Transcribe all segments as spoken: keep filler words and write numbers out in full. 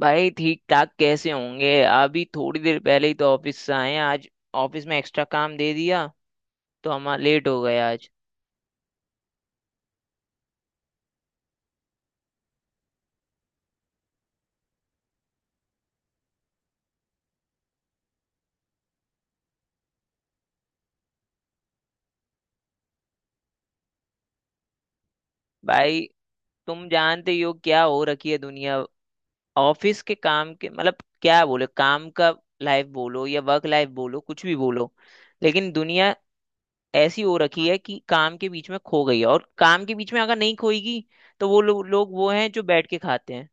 भाई ठीक ठाक कैसे होंगे? अभी थोड़ी देर पहले ही तो ऑफिस से आए हैं आज। ऑफिस में एक्स्ट्रा काम दे दिया तो हम लेट हो गए आज। भाई तुम जानते ही हो क्या हो रखी है दुनिया। ऑफिस के काम के मतलब क्या बोले, काम का लाइफ बोलो या वर्क लाइफ बोलो, कुछ भी बोलो, लेकिन दुनिया ऐसी हो रखी है कि काम के बीच में खो गई है। और काम के बीच में अगर नहीं खोएगी तो वो लो, लोग वो हैं जो बैठ के खाते हैं।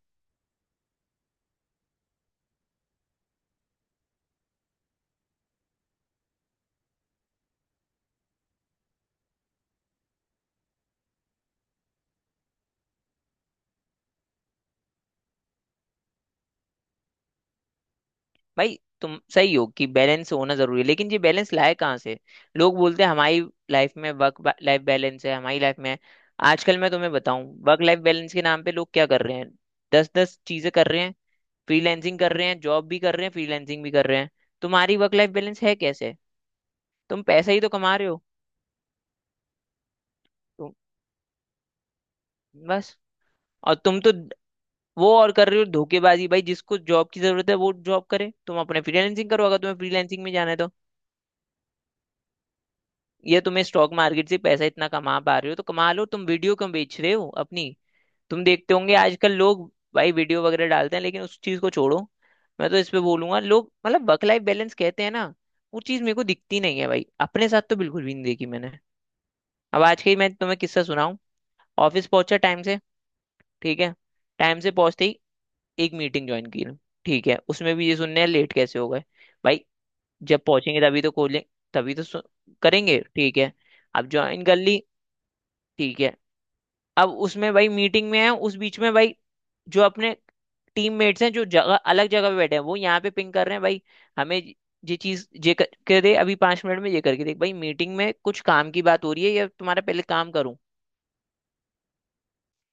भाई तुम सही हो कि बैलेंस होना जरूरी है, लेकिन ये बैलेंस लाए कहाँ से? लोग बोलते हैं हमारी लाइफ में वर्क लाइफ बैलेंस है, हमारी लाइफ में है। आजकल मैं तुम्हें बताऊं वर्क लाइफ बैलेंस के नाम पे लोग क्या कर रहे हैं। दस दस चीजें कर रहे हैं। फ्रीलैंसिंग कर रहे हैं, जॉब भी कर रहे हैं, फ्रीलैंसिंग भी कर रहे हैं। तुम्हारी वर्क लाइफ बैलेंस है कैसे? तुम पैसा ही तो कमा रहे हो। तुम बस, और तुम तो वो और कर रहे हो, धोखेबाजी भाई। जिसको जॉब की जरूरत है वो जॉब करे, तुम अपने फ्रीलैंसिंग करो अगर तुम्हें फ्रीलैंसिंग में जाना है तो। ये तुम्हें स्टॉक मार्केट से पैसा इतना कमा पा रहे हो तो कमा लो, तुम वीडियो क्यों बेच रहे हो अपनी? तुम देखते होंगे आजकल लोग भाई वीडियो वगैरह डालते हैं, लेकिन उस चीज को छोड़ो। मैं तो इस पे बोलूंगा, लोग मतलब वर्क लाइफ बैलेंस कहते हैं ना, वो चीज मेरे को दिखती नहीं है भाई। अपने साथ तो बिल्कुल भी नहीं देखी मैंने। अब आज के ही मैं तुम्हें किस्सा सुनाऊं। ऑफिस पहुंचा टाइम से। ठीक है। टाइम से पहुंचते ही एक मीटिंग ज्वाइन की। ठीक है, उसमें भी ये सुनने हैं लेट कैसे हो गए। भाई जब पहुंचेंगे तभी तो खोलें, तभी तो सु- करेंगे। ठीक है। अब ज्वाइन कर ली। ठीक है। अब उसमें भाई मीटिंग में है, उस बीच में भाई जो अपने टीममेट्स हैं जो जगह अलग जगह पे बैठे हैं वो यहाँ पे पिंग कर रहे हैं भाई हमें। ये चीज ये करके दे अभी पांच मिनट में, ये करके दे। भाई मीटिंग में कुछ काम की बात हो रही है या तुम्हारा पहले काम करूं?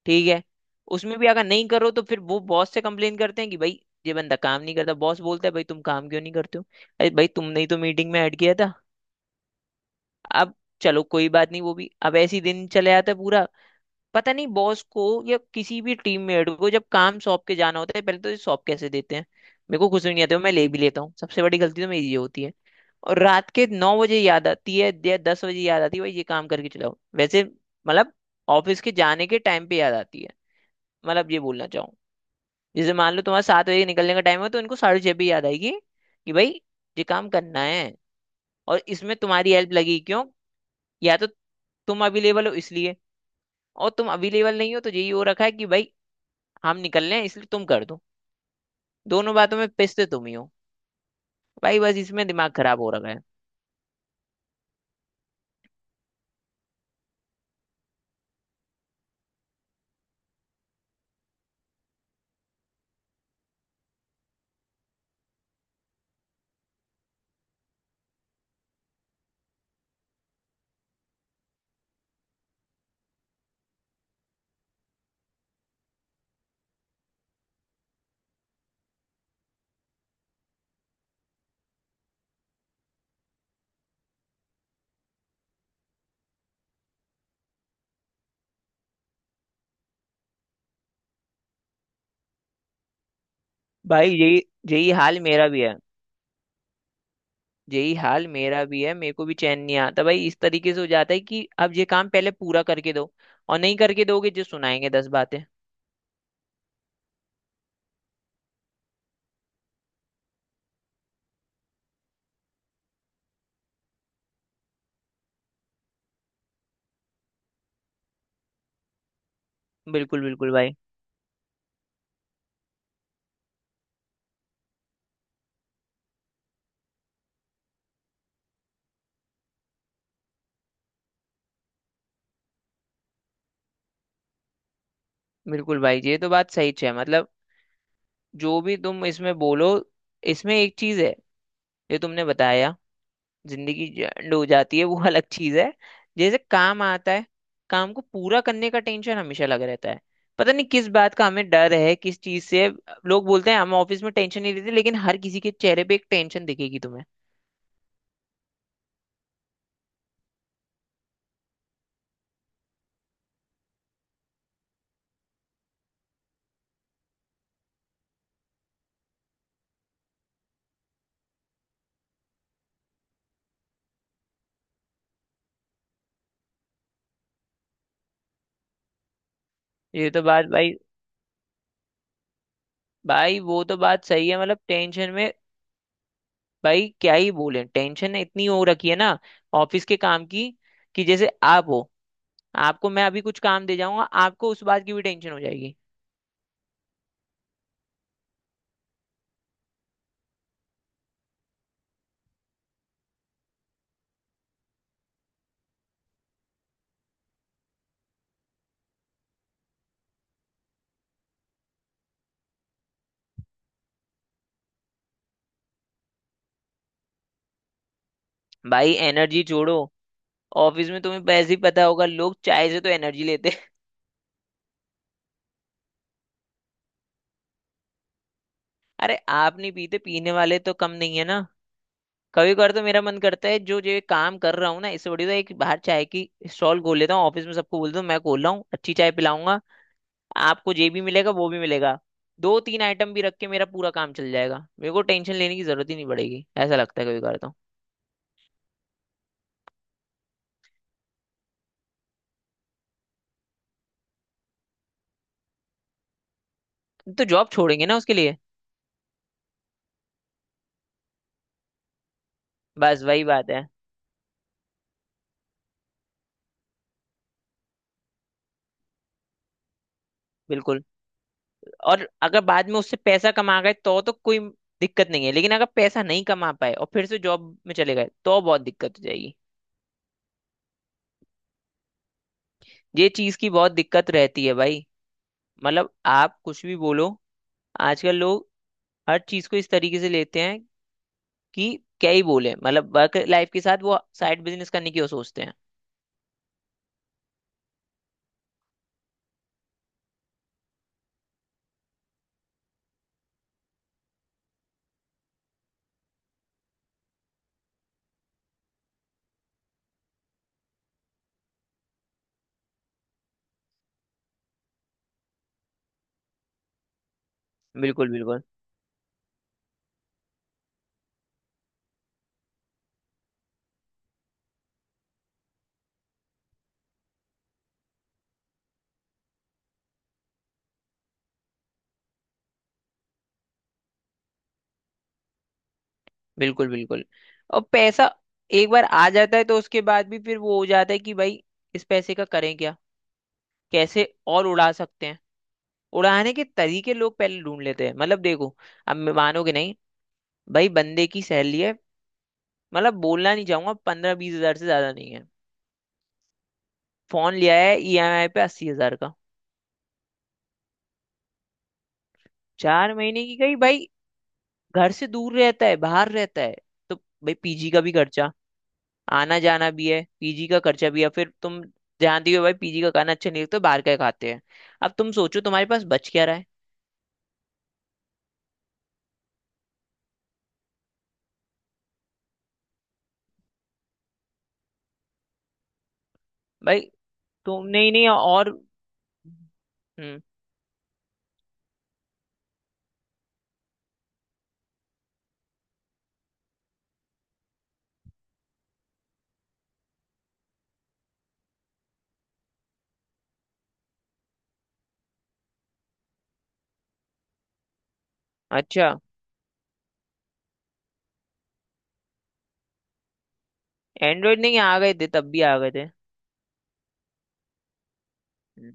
ठीक है। उसमें भी अगर नहीं करो तो फिर वो बॉस से कंप्लेन करते हैं कि भाई ये बंदा काम नहीं करता। बॉस बोलता है भाई तुम काम क्यों नहीं करते हो? अरे भाई तुमने ही तो मीटिंग में ऐड किया था। अब चलो कोई बात नहीं, वो भी अब ऐसे ही दिन चले जाता है पूरा। पता नहीं बॉस को या किसी भी टीममेट को जब काम सौंप के जाना होता है पहले तो ये सौंप कैसे देते हैं। मेरे को कुछ भी नहीं आता, मैं ले भी लेता हूँ, सबसे बड़ी गलती तो मेरी ये होती है। और रात के नौ बजे याद आती है या दस बजे याद आती है, भाई ये काम करके चलाओ वैसे। मतलब ऑफिस के जाने के टाइम पे याद आती है। मतलब ये बोलना चाहूँ, जैसे मान लो तुम्हारा सात बजे निकलने का टाइम हो तो इनको साढ़े छह पे याद आएगी कि भाई ये काम करना है और इसमें तुम्हारी हेल्प लगेगी। क्यों? या तो तुम अवेलेबल हो इसलिए, और तुम अवेलेबल नहीं हो तो यही हो रखा है कि भाई हम निकल रहे हैं इसलिए तुम कर दो। दोनों बातों में पिसते तुम ही हो भाई, बस इसमें दिमाग खराब हो रखा है। भाई यही यही हाल मेरा भी है। यही हाल मेरा भी है, मेरे को भी चैन नहीं आता भाई, इस तरीके से हो जाता है कि अब ये काम पहले पूरा करके दो, और नहीं करके दोगे जो सुनाएंगे दस बातें। बिल्कुल बिल्कुल भाई। बिल्कुल भाई ये तो बात सही है, मतलब जो भी तुम इसमें बोलो, इसमें एक चीज है जो तुमने बताया, जिंदगी एंड हो जाती है वो अलग चीज है। जैसे काम आता है, काम को पूरा करने का टेंशन हमेशा लग रहता है। पता नहीं किस बात का हमें डर है, किस चीज से। लोग बोलते हैं हम ऑफिस में टेंशन नहीं लेते, लेकिन हर किसी के चेहरे पे एक टेंशन दिखेगी तुम्हें। ये तो बात भाई, भाई वो तो बात सही है, मतलब टेंशन में भाई क्या ही बोले। टेंशन इतनी हो रखी है ना ऑफिस के काम की, कि जैसे आप हो, आपको मैं अभी कुछ काम दे जाऊंगा आपको उस बात की भी टेंशन हो जाएगी। भाई एनर्जी जोड़ो। ऑफिस में तुम्हें वैसे ही पता होगा, लोग चाय से तो एनर्जी लेते हैं। अरे आप नहीं पीते, पीने वाले तो कम नहीं है ना। कभी कभार तो मेरा मन करता है जो जो ये काम कर रहा हूँ ना इससे बढ़िया तो एक बाहर चाय की स्टॉल खोल लेता हूँ। ऑफिस में सबको बोल दूँ मैं खोल रहा हूँ, अच्छी चाय पिलाऊंगा। आपको ये भी मिलेगा वो भी मिलेगा। दो तीन आइटम भी रख के मेरा पूरा काम चल जाएगा, मेरे को टेंशन लेने की जरूरत ही नहीं पड़ेगी, ऐसा लगता है कभी कभार तो। तो जॉब छोड़ेंगे ना उसके लिए। बस वही बात है। बिल्कुल। और अगर बाद में उससे पैसा कमा गए तो तो कोई दिक्कत नहीं है, लेकिन अगर पैसा नहीं कमा पाए और फिर से जॉब में चले गए तो बहुत दिक्कत हो जाएगी। ये चीज की बहुत दिक्कत रहती है भाई। मतलब आप कुछ भी बोलो, आजकल लोग हर चीज को इस तरीके से लेते हैं कि क्या ही बोले। मतलब वर्क लाइफ के साथ वो साइड बिजनेस करने की वो सोचते हैं। बिल्कुल बिल्कुल, बिल्कुल बिल्कुल। और पैसा एक बार आ जाता है तो उसके बाद भी फिर वो हो जाता है कि भाई इस पैसे का करें क्या, कैसे और उड़ा सकते हैं। उड़ाने के तरीके लोग पहले ढूंढ लेते हैं। मतलब देखो, अब मैं- मानोगे नहीं भाई। बंदे की सैलरी है, मतलब बोलना नहीं चाहूंगा, पंद्रह बीस हजार से ज्यादा नहीं है। फोन लिया है ई एम आई पे अस्सी हजार का। चार महीने की गई भाई। घर से दूर रहता है, बाहर रहता है, तो भाई पीजी का भी खर्चा, आना जाना भी है, पीजी का खर्चा भी है। फिर तुम जानती हो भाई पीजी का खाना अच्छा नहीं लगता, बाहर का ही खाते हैं। अब तुम सोचो तुम्हारे पास बच क्या रहा है। भाई तुमने ही नहीं और। हम्म, अच्छा, एंड्रॉइड नहीं आ गए थे तब भी आ गए थे। हम्म,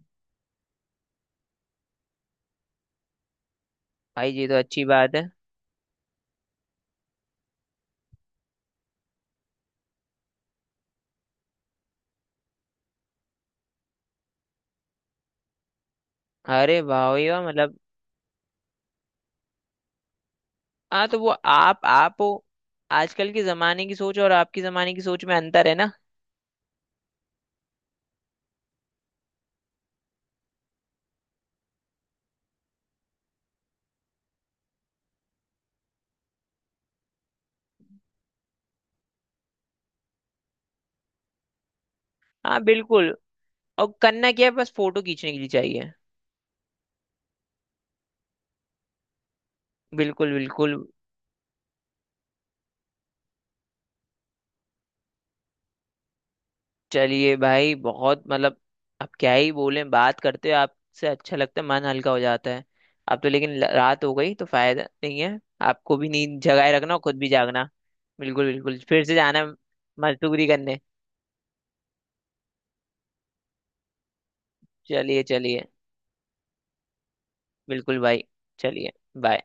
भाई ये तो अच्छी बात है। अरे वाह भाई वाह, मतलब हाँ, तो वो आप आप हो। आजकल के जमाने की सोच और आपकी जमाने की सोच में अंतर है ना। हाँ बिल्कुल। और करना क्या है, बस फोटो खींचने के लिए चाहिए। बिल्कुल बिल्कुल। चलिए भाई, बहुत मतलब अब क्या ही बोलें, बात करते हो आपसे अच्छा लगता है, मन हल्का हो जाता है। अब तो लेकिन ल- रात हो गई तो फायदा नहीं है। आपको भी नींद जगाए रखना और खुद भी जागना। बिल्कुल बिल्कुल। फिर से जाना मजदूरी करने। चलिए चलिए। बिल्कुल भाई। चलिए। बाय।